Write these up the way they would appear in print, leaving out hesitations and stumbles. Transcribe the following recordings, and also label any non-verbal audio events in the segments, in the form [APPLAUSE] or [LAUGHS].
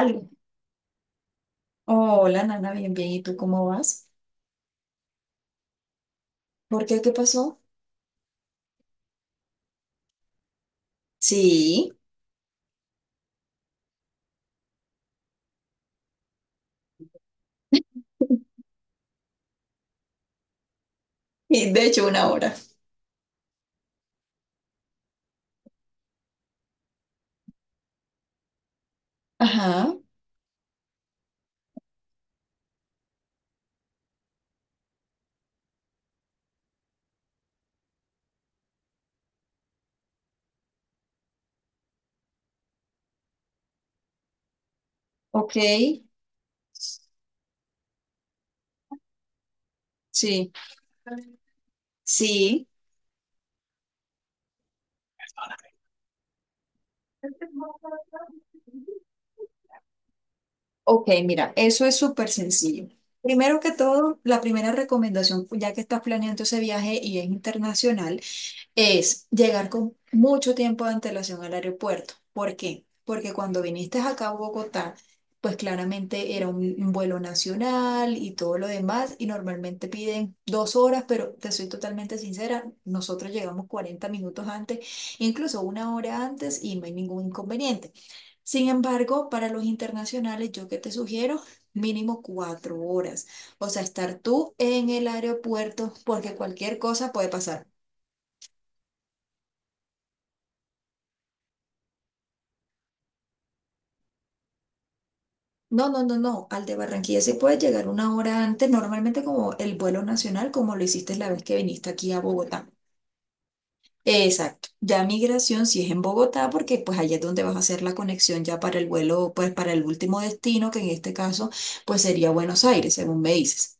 Algo. Hola, Nana, bien, bien. ¿Y tú cómo vas? ¿Por qué? ¿Qué pasó? Sí, [LAUGHS] y de hecho una hora. Ajá, ok. Sí, sí. Ok, mira, eso es súper sencillo. Primero que todo, la primera recomendación, ya que estás planeando ese viaje y es internacional, es llegar con mucho tiempo de antelación al aeropuerto. ¿Por qué? Porque cuando viniste acá a Bogotá, pues claramente era un vuelo nacional y todo lo demás, y normalmente piden 2 horas, pero te soy totalmente sincera, nosotros llegamos 40 minutos antes, incluso una hora antes, y no hay ningún inconveniente. Sin embargo, para los internacionales, yo que te sugiero, mínimo 4 horas. O sea, estar tú en el aeropuerto porque cualquier cosa puede pasar. No, no, no, no. Al de Barranquilla se puede llegar una hora antes, normalmente como el vuelo nacional, como lo hiciste la vez que viniste aquí a Bogotá. Exacto. Ya migración si es en Bogotá, porque pues allá es donde vas a hacer la conexión ya para el vuelo, pues para el último destino, que en este caso pues sería Buenos Aires, según me dices.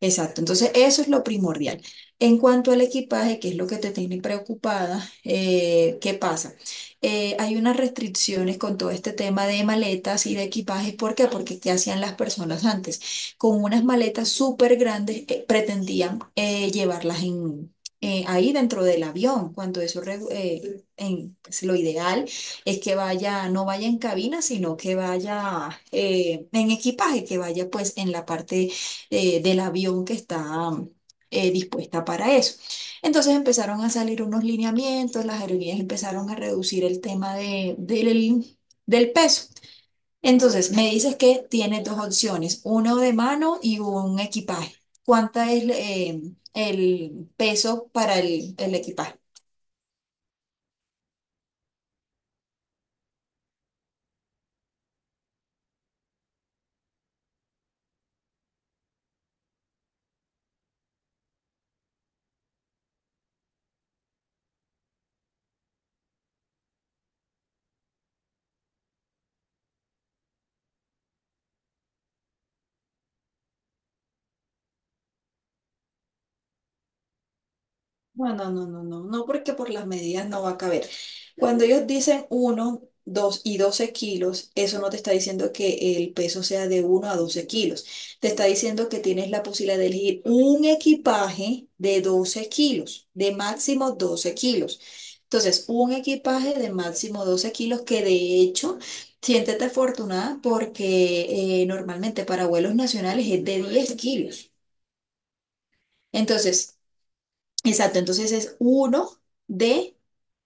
Exacto, entonces eso es lo primordial. En cuanto al equipaje, que es lo que te tiene preocupada, ¿qué pasa? Hay unas restricciones con todo este tema de maletas y de equipajes. ¿Por qué? Porque ¿qué hacían las personas antes? Con unas maletas súper grandes pretendían llevarlas en, ahí dentro del avión, cuando eso pues, lo ideal es que vaya, no vaya en cabina, sino que vaya en equipaje, que vaya pues en la parte del avión que está dispuesta para eso. Entonces empezaron a salir unos lineamientos, las aerolíneas empezaron a reducir el tema del peso. Entonces me dices que tienes dos opciones, uno de mano y un equipaje. ¿Cuánta es el peso para el equipaje? Bueno, no, no, no, no, no, porque por las medidas no va a caber. Cuando ellos dicen uno, 2 y 12 kilos, eso no te está diciendo que el peso sea de uno a 12 kilos. Te está diciendo que tienes la posibilidad de elegir un equipaje de 12 kilos, de máximo 12 kilos. Entonces, un equipaje de máximo 12 kilos que de hecho, siéntete afortunada porque normalmente para vuelos nacionales es de 10 kilos. Entonces, exacto, entonces es uno de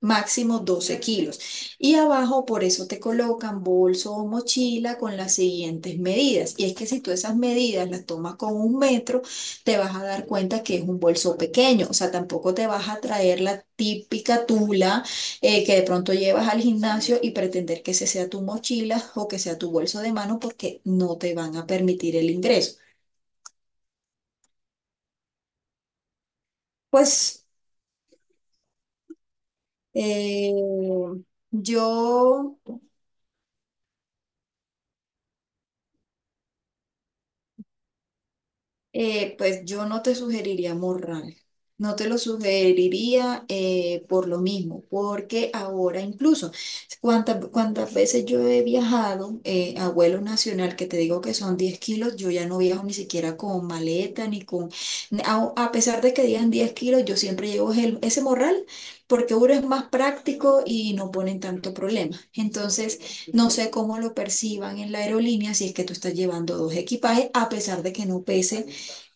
máximo 12 kilos. Y abajo por eso te colocan bolso o mochila con las siguientes medidas. Y es que si tú esas medidas las tomas con un metro, te vas a dar cuenta que es un bolso pequeño. O sea, tampoco te vas a traer la típica tula que de pronto llevas al gimnasio y pretender que ese sea tu mochila o que sea tu bolso de mano porque no te van a permitir el ingreso. Pues eh, yo... pues yo no te sugeriría morral, no te lo sugeriría por lo mismo, porque ahora incluso, cuántas veces yo he viajado a vuelo nacional, que te digo que son 10 kilos, yo ya no viajo ni siquiera con maleta, ni con, a pesar de que digan 10 kilos, yo siempre llevo ese morral, porque uno es más práctico y no ponen tanto problema. Entonces, no sé cómo lo perciban en la aerolínea si es que tú estás llevando dos equipajes, a pesar de que no pese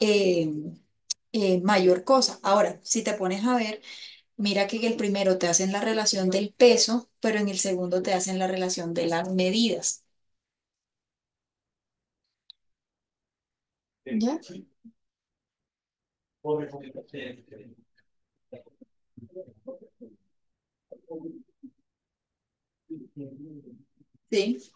eh, mayor cosa. Ahora, si te pones a ver, mira que en el primero te hacen la relación del peso, pero en el segundo te hacen la relación de las medidas. ¿Ya? Sí.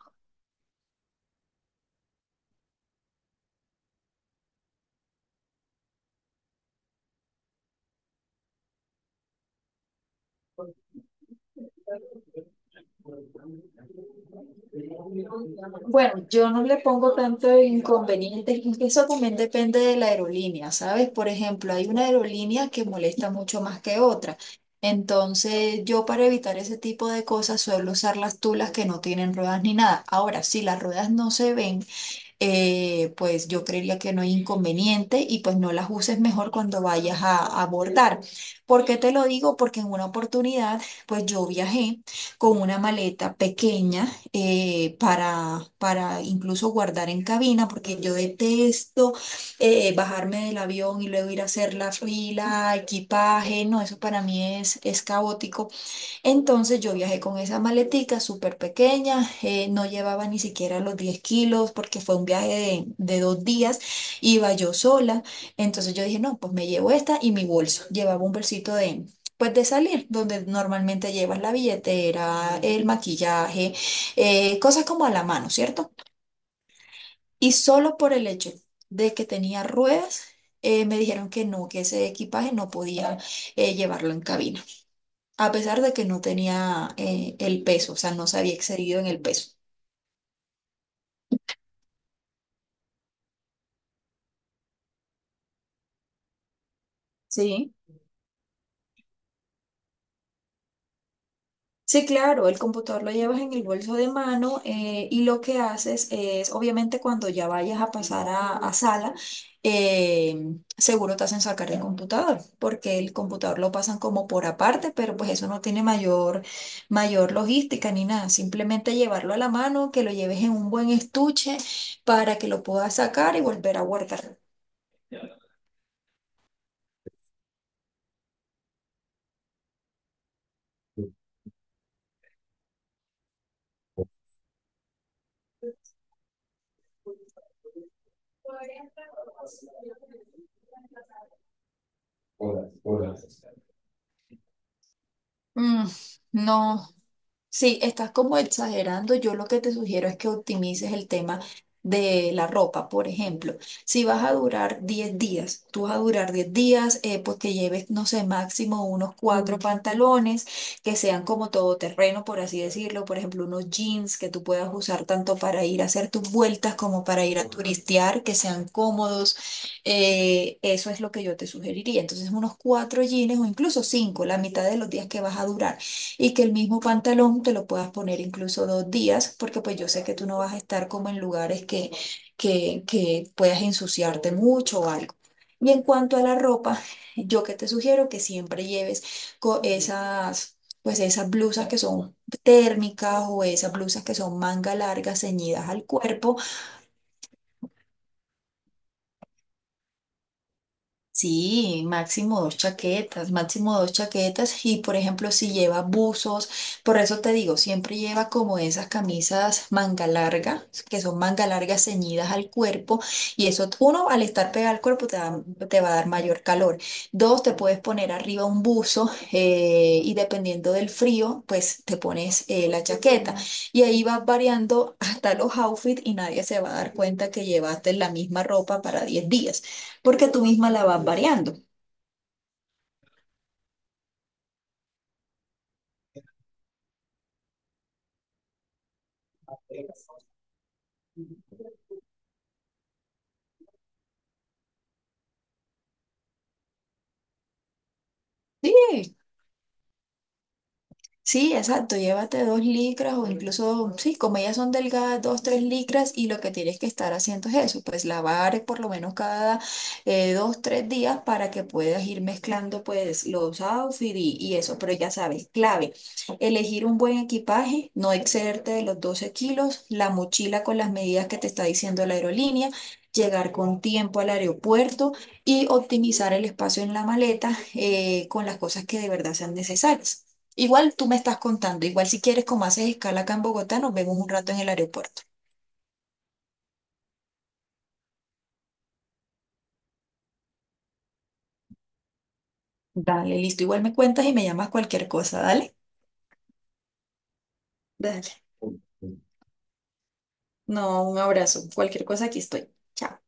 Bueno, yo no le pongo tanto inconveniente, es que eso también depende de la aerolínea, ¿sabes? Por ejemplo, hay una aerolínea que molesta mucho más que otra. Entonces, yo para evitar ese tipo de cosas suelo usar las tulas que no tienen ruedas ni nada. Ahora, si las ruedas no se ven, pues yo creería que no hay inconveniente y pues no las uses mejor cuando vayas a abordar. ¿Por qué te lo digo? Porque en una oportunidad, pues yo viajé con una maleta pequeña para incluso guardar en cabina, porque yo detesto bajarme del avión y luego ir a hacer la fila, equipaje, no, eso para mí es caótico. Entonces yo viajé con esa maletica súper pequeña, no llevaba ni siquiera los 10 kilos porque fue un viaje de 2 días, iba yo sola, entonces yo dije, no, pues me llevo esta y mi bolso, llevaba un bolsito de, pues de salir, donde normalmente llevas la billetera, el maquillaje, cosas como a la mano, ¿cierto? Y solo por el hecho de que tenía ruedas, me dijeron que no, que ese equipaje no podía llevarlo en cabina a pesar de que no tenía el peso, o sea, no se había excedido en el peso. Sí. Sí, claro, el computador lo llevas en el bolso de mano y lo que haces es, obviamente, cuando ya vayas a pasar a sala, seguro te hacen sacar el computador, porque el computador lo pasan como por aparte, pero pues eso no tiene mayor, mayor logística ni nada, simplemente llevarlo a la mano, que lo lleves en un buen estuche para que lo puedas sacar y volver a guardar. Mm, no. Sí, estás como exagerando. Yo lo que te sugiero es que optimices el tema de la ropa, por ejemplo. Si vas a durar 10 días, tú vas a durar 10 días, pues que lleves, no sé, máximo unos cuatro pantalones que sean como todoterreno, por así decirlo. Por ejemplo, unos jeans que tú puedas usar tanto para ir a hacer tus vueltas como para ir a turistear, que sean cómodos. Eso es lo que yo te sugeriría. Entonces, unos cuatro jeans o incluso cinco, la mitad de los días que vas a durar y que el mismo pantalón te lo puedas poner incluso 2 días, porque pues yo sé que tú no vas a estar como en lugares que puedas ensuciarte mucho o algo. Y en cuanto a la ropa, yo que te sugiero que siempre lleves esas, pues esas blusas que son térmicas o esas blusas que son manga largas ceñidas al cuerpo. Sí, máximo dos chaquetas y por ejemplo si lleva buzos, por eso te digo, siempre lleva como esas camisas manga larga, que son manga largas ceñidas al cuerpo y eso uno al estar pegada al cuerpo te va a dar mayor calor. Dos, te puedes poner arriba un buzo y dependiendo del frío, pues te pones la chaqueta y ahí vas variando hasta los outfits y nadie se va a dar cuenta que llevaste la misma ropa para 10 días porque tú misma la vas variando. Sí, sí, exacto, llévate dos licras o incluso, sí, como ellas son delgadas, dos, tres licras y lo que tienes que estar haciendo es eso, pues lavar por lo menos cada 2, 3 días para que puedas ir mezclando pues los outfits y eso, pero ya sabes, clave, elegir un buen equipaje, no excederte de los 12 kilos, la mochila con las medidas que te está diciendo la aerolínea, llegar con tiempo al aeropuerto y optimizar el espacio en la maleta con las cosas que de verdad sean necesarias. Igual tú me estás contando, igual si quieres, como haces escala acá en Bogotá, nos vemos un rato en el aeropuerto. Dale, listo. Igual me cuentas y me llamas cualquier cosa, dale. Dale. No, un abrazo. Cualquier cosa, aquí estoy. Chao.